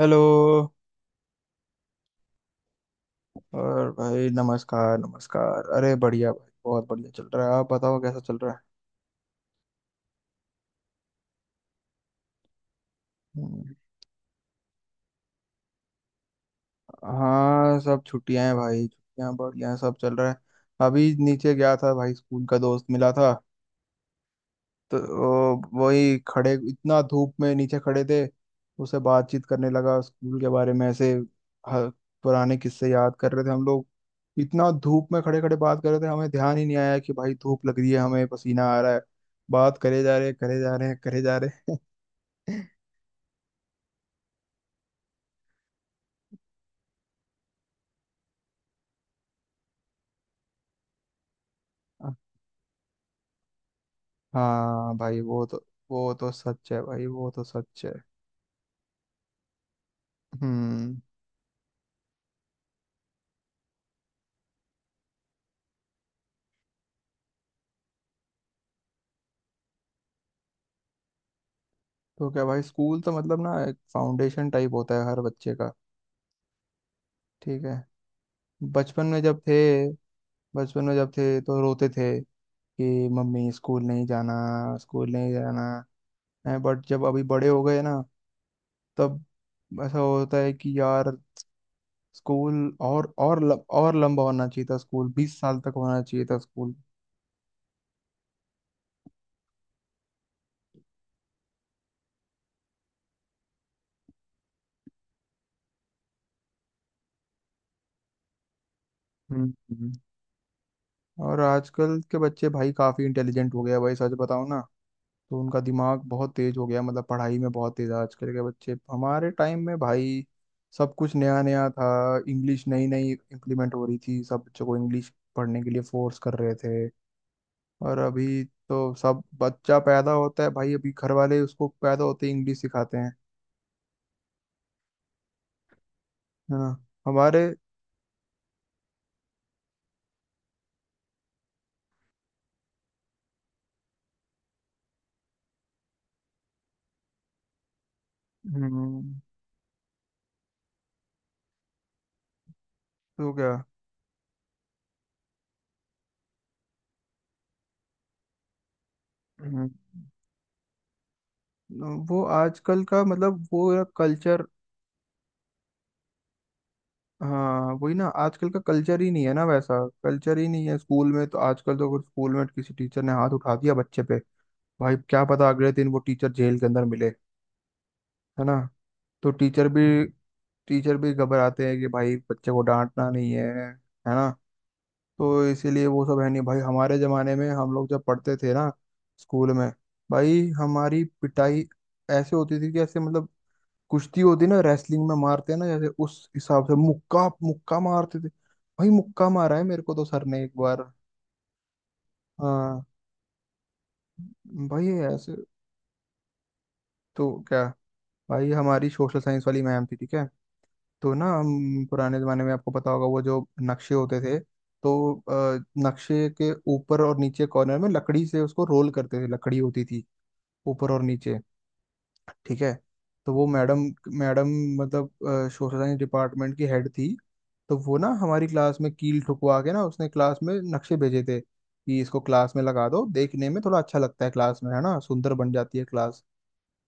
Hello. और भाई, नमस्कार नमस्कार। अरे बढ़िया भाई, बहुत बढ़िया चल रहा है। आप बताओ, कैसा चल रहा है? हम्म, हाँ सब छुट्टियां हैं भाई, छुट्टियां बढ़िया हैं, सब चल रहा है। अभी नीचे गया था भाई, स्कूल का दोस्त मिला था। तो वही खड़े, इतना धूप में नीचे खड़े थे। उससे बातचीत करने लगा स्कूल के बारे में, ऐसे ह- पुराने किस्से याद कर रहे थे हम लोग। इतना धूप में खड़े खड़े बात कर रहे थे, हमें ध्यान ही नहीं आया कि भाई धूप लग रही है, हमें पसीना आ रहा है। बात करे जा रहे, करे जा रहे, करे जा रहे। हाँ भाई, वो तो सच है भाई, वो तो सच है। हम्म। तो क्या भाई, स्कूल तो मतलब ना एक फाउंडेशन टाइप होता है हर बच्चे का। ठीक है। बचपन में जब थे बचपन में जब थे तो रोते थे कि मम्मी, स्कूल नहीं जाना, स्कूल नहीं जाना। बट जब अभी बड़े हो गए ना, तब ऐसा होता है कि यार, स्कूल और लंबा होना चाहिए था, स्कूल 20 साल तक होना चाहिए था स्कूल। हम्म। हम्म। और आजकल के बच्चे भाई काफी इंटेलिजेंट हो गया भाई, सच बताऊं ना, तो उनका दिमाग बहुत तेज हो गया, मतलब पढ़ाई में बहुत तेज है आजकल के बच्चे। हमारे टाइम में भाई सब कुछ नया नया था, इंग्लिश नई नई इम्प्लीमेंट हो रही थी, सब बच्चों को इंग्लिश पढ़ने के लिए फोर्स कर रहे थे। और अभी तो सब बच्चा पैदा होता है भाई, अभी घर वाले उसको पैदा होते ही इंग्लिश सिखाते हैं। है ना। हमारे, हम्म, तो क्या, हम्म, वो आजकल का मतलब वो कल्चर। हाँ वही ना, आजकल का कल्चर ही नहीं है ना वैसा। कल्चर ही नहीं है स्कूल में। तो आजकल तो अगर स्कूल में किसी टीचर ने हाथ उठा दिया बच्चे पे, भाई क्या पता अगले दिन वो टीचर जेल के अंदर मिले। है ना। तो टीचर भी, टीचर भी घबराते हैं कि भाई बच्चे को डांटना नहीं है। है ना। तो इसीलिए वो सब है नहीं भाई। हमारे जमाने में हम लोग जब पढ़ते थे ना स्कूल में, भाई हमारी पिटाई ऐसे होती थी कि ऐसे मतलब, कुश्ती होती ना, रेसलिंग में मारते हैं ना जैसे, उस हिसाब से मुक्का मुक्का मारते थे। भाई मुक्का मारा है मेरे को तो सर ने एक बार। हाँ। भाई ये ऐसे, तो क्या भाई हमारी सोशल साइंस वाली मैम थी, ठीक है। तो ना हम पुराने जमाने में, आपको पता होगा, वो जो नक्शे होते थे, तो नक्शे के ऊपर और नीचे कॉर्नर में लकड़ी से उसको रोल करते थे, लकड़ी होती थी ऊपर और नीचे, ठीक है। तो वो मैडम, मैडम मतलब सोशल साइंस डिपार्टमेंट की हेड थी। तो वो ना हमारी क्लास में कील ठुकवा के ना, उसने क्लास में नक्शे भेजे थे कि इसको क्लास में लगा दो, देखने में थोड़ा अच्छा लगता है क्लास में, है ना, सुंदर बन जाती है क्लास।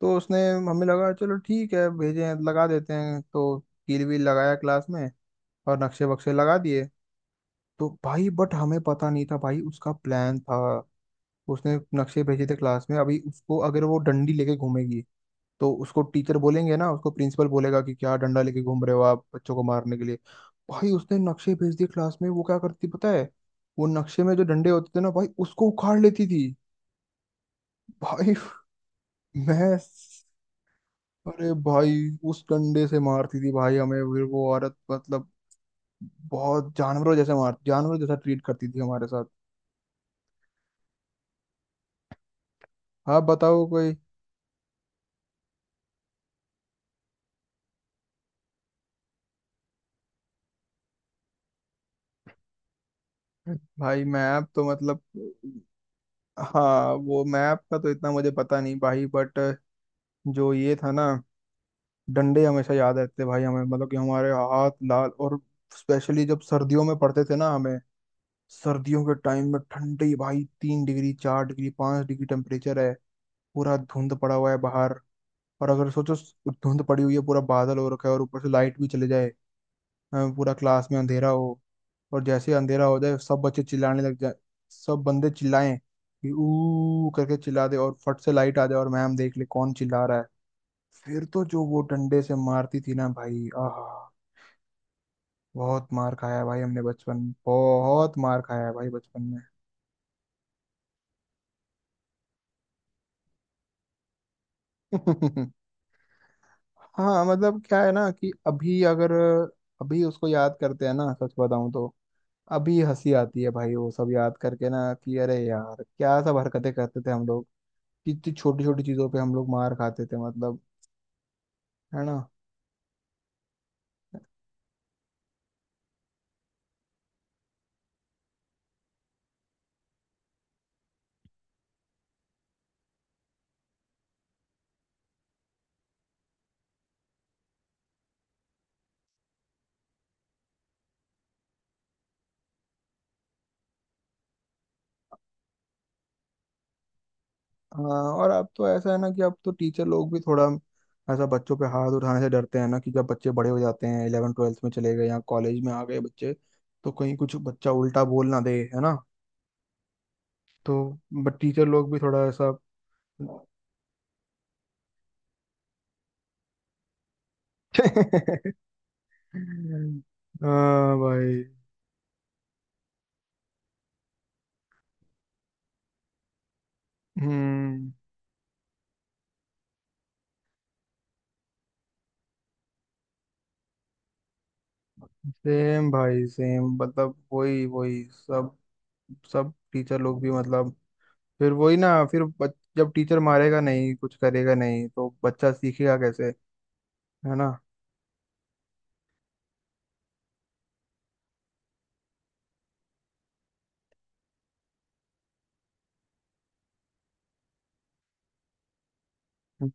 तो उसने, हमें लगा चलो ठीक है, भेजे हैं लगा देते हैं। तो कील वील लगाया क्लास में और नक्शे वक्शे लगा दिए। तो भाई, बट हमें पता नहीं था भाई उसका प्लान था। उसने नक्शे भेजे थे क्लास में, अभी उसको अगर वो डंडी लेके घूमेगी तो उसको टीचर बोलेंगे ना, उसको प्रिंसिपल बोलेगा कि क्या डंडा लेके घूम रहे हो आप, बच्चों को मारने के लिए। भाई उसने नक्शे भेज दिए क्लास में, वो क्या करती पता है, वो नक्शे में जो डंडे होते थे ना भाई, उसको उखाड़ लेती थी। भाई मैं, अरे भाई उस डंडे से मारती थी भाई हमें, फिर वो औरत मतलब बहुत जानवरों जैसे मार, जानवरों जैसा ट्रीट करती थी हमारे साथ। आप बताओ कोई, भाई मैप तो मतलब, हाँ वो मैप का तो इतना मुझे पता नहीं भाई, बट जो ये था ना, डंडे हमेशा याद रहते भाई हमें, मतलब कि हमारे हाथ लाल। और स्पेशली जब सर्दियों में पड़ते थे ना हमें, सर्दियों के टाइम में ठंडी, भाई 3 डिग्री, 4 डिग्री, 5 डिग्री टेम्परेचर है, पूरा धुंध पड़ा हुआ है बाहर। और अगर सोचो, धुंध पड़ी हुई है, पूरा बादल हो रखा है, और ऊपर से लाइट भी चले जाए, पूरा क्लास में अंधेरा हो, और जैसे ही अंधेरा हो जाए सब बच्चे चिल्लाने लग जाए, सब बंदे चिल्लाएं कि ऊ करके चिल्ला दे, और फट से लाइट आ जाए और मैम देख ले कौन चिल्ला रहा है। फिर तो जो वो डंडे से मारती थी ना भाई, आहा। बहुत मार खाया है भाई हमने बचपन, बहुत मार खाया है भाई बचपन में। हाँ मतलब क्या है ना कि अभी अगर, अभी उसको याद करते हैं ना, सच बताऊं तो अभी हंसी आती है भाई वो सब याद करके ना, कि अरे यार क्या सब हरकतें करते थे हम लोग। कितनी छोटी छोटी चीजों पे हम लोग मार खाते थे मतलब। है ना। हाँ और अब तो ऐसा है ना कि अब तो टीचर लोग भी थोड़ा ऐसा बच्चों पे हाथ उठाने से डरते हैं ना, कि जब बच्चे बड़े हो जाते हैं, इलेवन ट्वेल्थ में चले गए या कॉलेज में आ गए बच्चे, तो कहीं कुछ बच्चा उल्टा बोल ना दे। है ना। तो, बट टीचर लोग भी थोड़ा ऐसा। हाँ भाई। हम्म। सेम भाई सेम, मतलब वही वही सब, सब टीचर लोग भी मतलब फिर वही ना, फिर जब टीचर मारेगा नहीं, कुछ करेगा नहीं तो बच्चा सीखेगा कैसे। है ना। हम्म।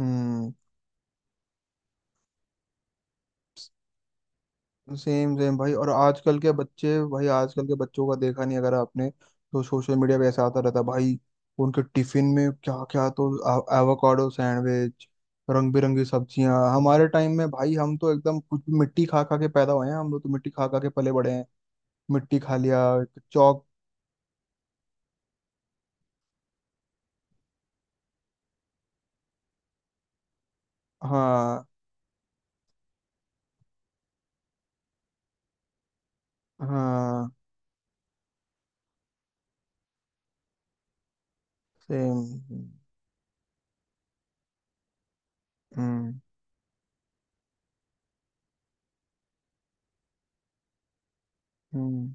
हम्म। सेम सेम भाई। और आजकल के बच्चे भाई, आजकल के बच्चों का देखा नहीं अगर आपने तो, सोशल मीडिया पे ऐसा आता रहता है, भाई उनके टिफिन में क्या क्या, तो एवोकाडो सैंडविच, रंग बिरंगी सब्जियां। हमारे टाइम में भाई हम तो एकदम कुछ भी मिट्टी खा खा के पैदा हुए हैं, हम लोग तो मिट्टी खा खा के पले बड़े हैं। मिट्टी खा लिया चौक। हाँ हाँ सेम। हम्म। हम्म।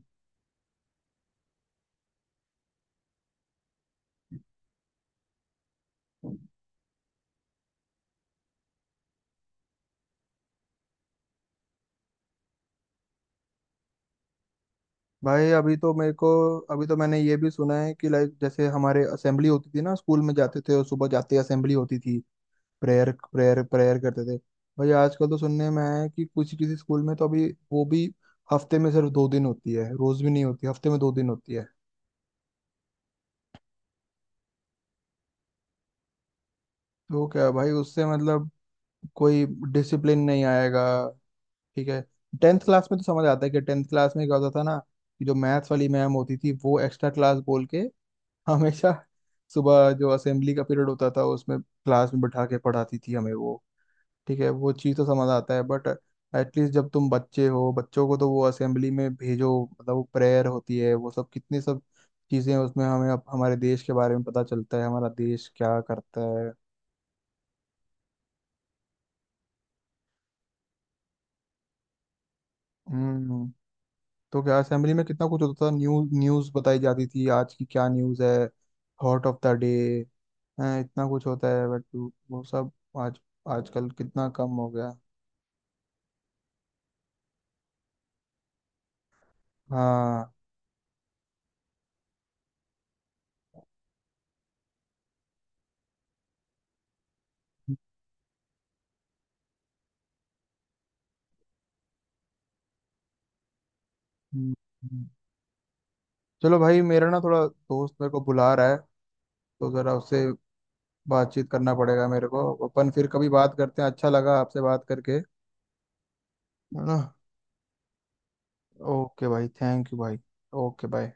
भाई अभी तो मेरे को, अभी तो मैंने ये भी सुना है कि लाइक जैसे हमारे असेंबली होती थी ना, स्कूल में जाते थे और सुबह जाते ही असेंबली होती थी, प्रेयर प्रेयर प्रेयर करते थे। भाई आजकल तो सुनने में आया है कि कुछ किसी स्कूल में तो अभी वो भी हफ्ते में सिर्फ 2 दिन होती है, रोज भी नहीं होती, हफ्ते में 2 दिन होती है। तो क्या है भाई, उससे मतलब कोई डिसिप्लिन नहीं आएगा। ठीक है, टेंथ क्लास में तो समझ आता है कि टेंथ क्लास में क्या होता था ना, कि जो मैथ्स वाली मैम होती थी, वो एक्स्ट्रा क्लास बोल के हमेशा सुबह जो असेंबली का पीरियड होता था उसमें क्लास में बैठा के पढ़ाती थी हमें वो। ठीक है, वो चीज़ तो समझ आता है बट, एटलीस्ट जब तुम बच्चे हो बच्चों को तो वो असेंबली में भेजो, मतलब वो प्रेयर होती है, वो सब कितनी सब चीज़ें उसमें हमें हमारे देश के बारे में पता चलता है, हमारा देश क्या करता है। हम्म। तो क्या, असेंबली में कितना कुछ होता था, न्यूज़ बताई जाती थी, आज की क्या न्यूज़ है, थॉट ऑफ द डे, इतना कुछ होता है बट वो सब आज, आजकल कितना कम हो गया। हाँ। हम्म, हम्म। चलो भाई मेरा ना थोड़ा दोस्त मेरे को बुला रहा है, तो जरा उससे बातचीत करना पड़ेगा मेरे को। अपन फिर कभी बात करते हैं, अच्छा लगा आपसे बात करके। है ना। ओके भाई, थैंक यू भाई। Okay bye.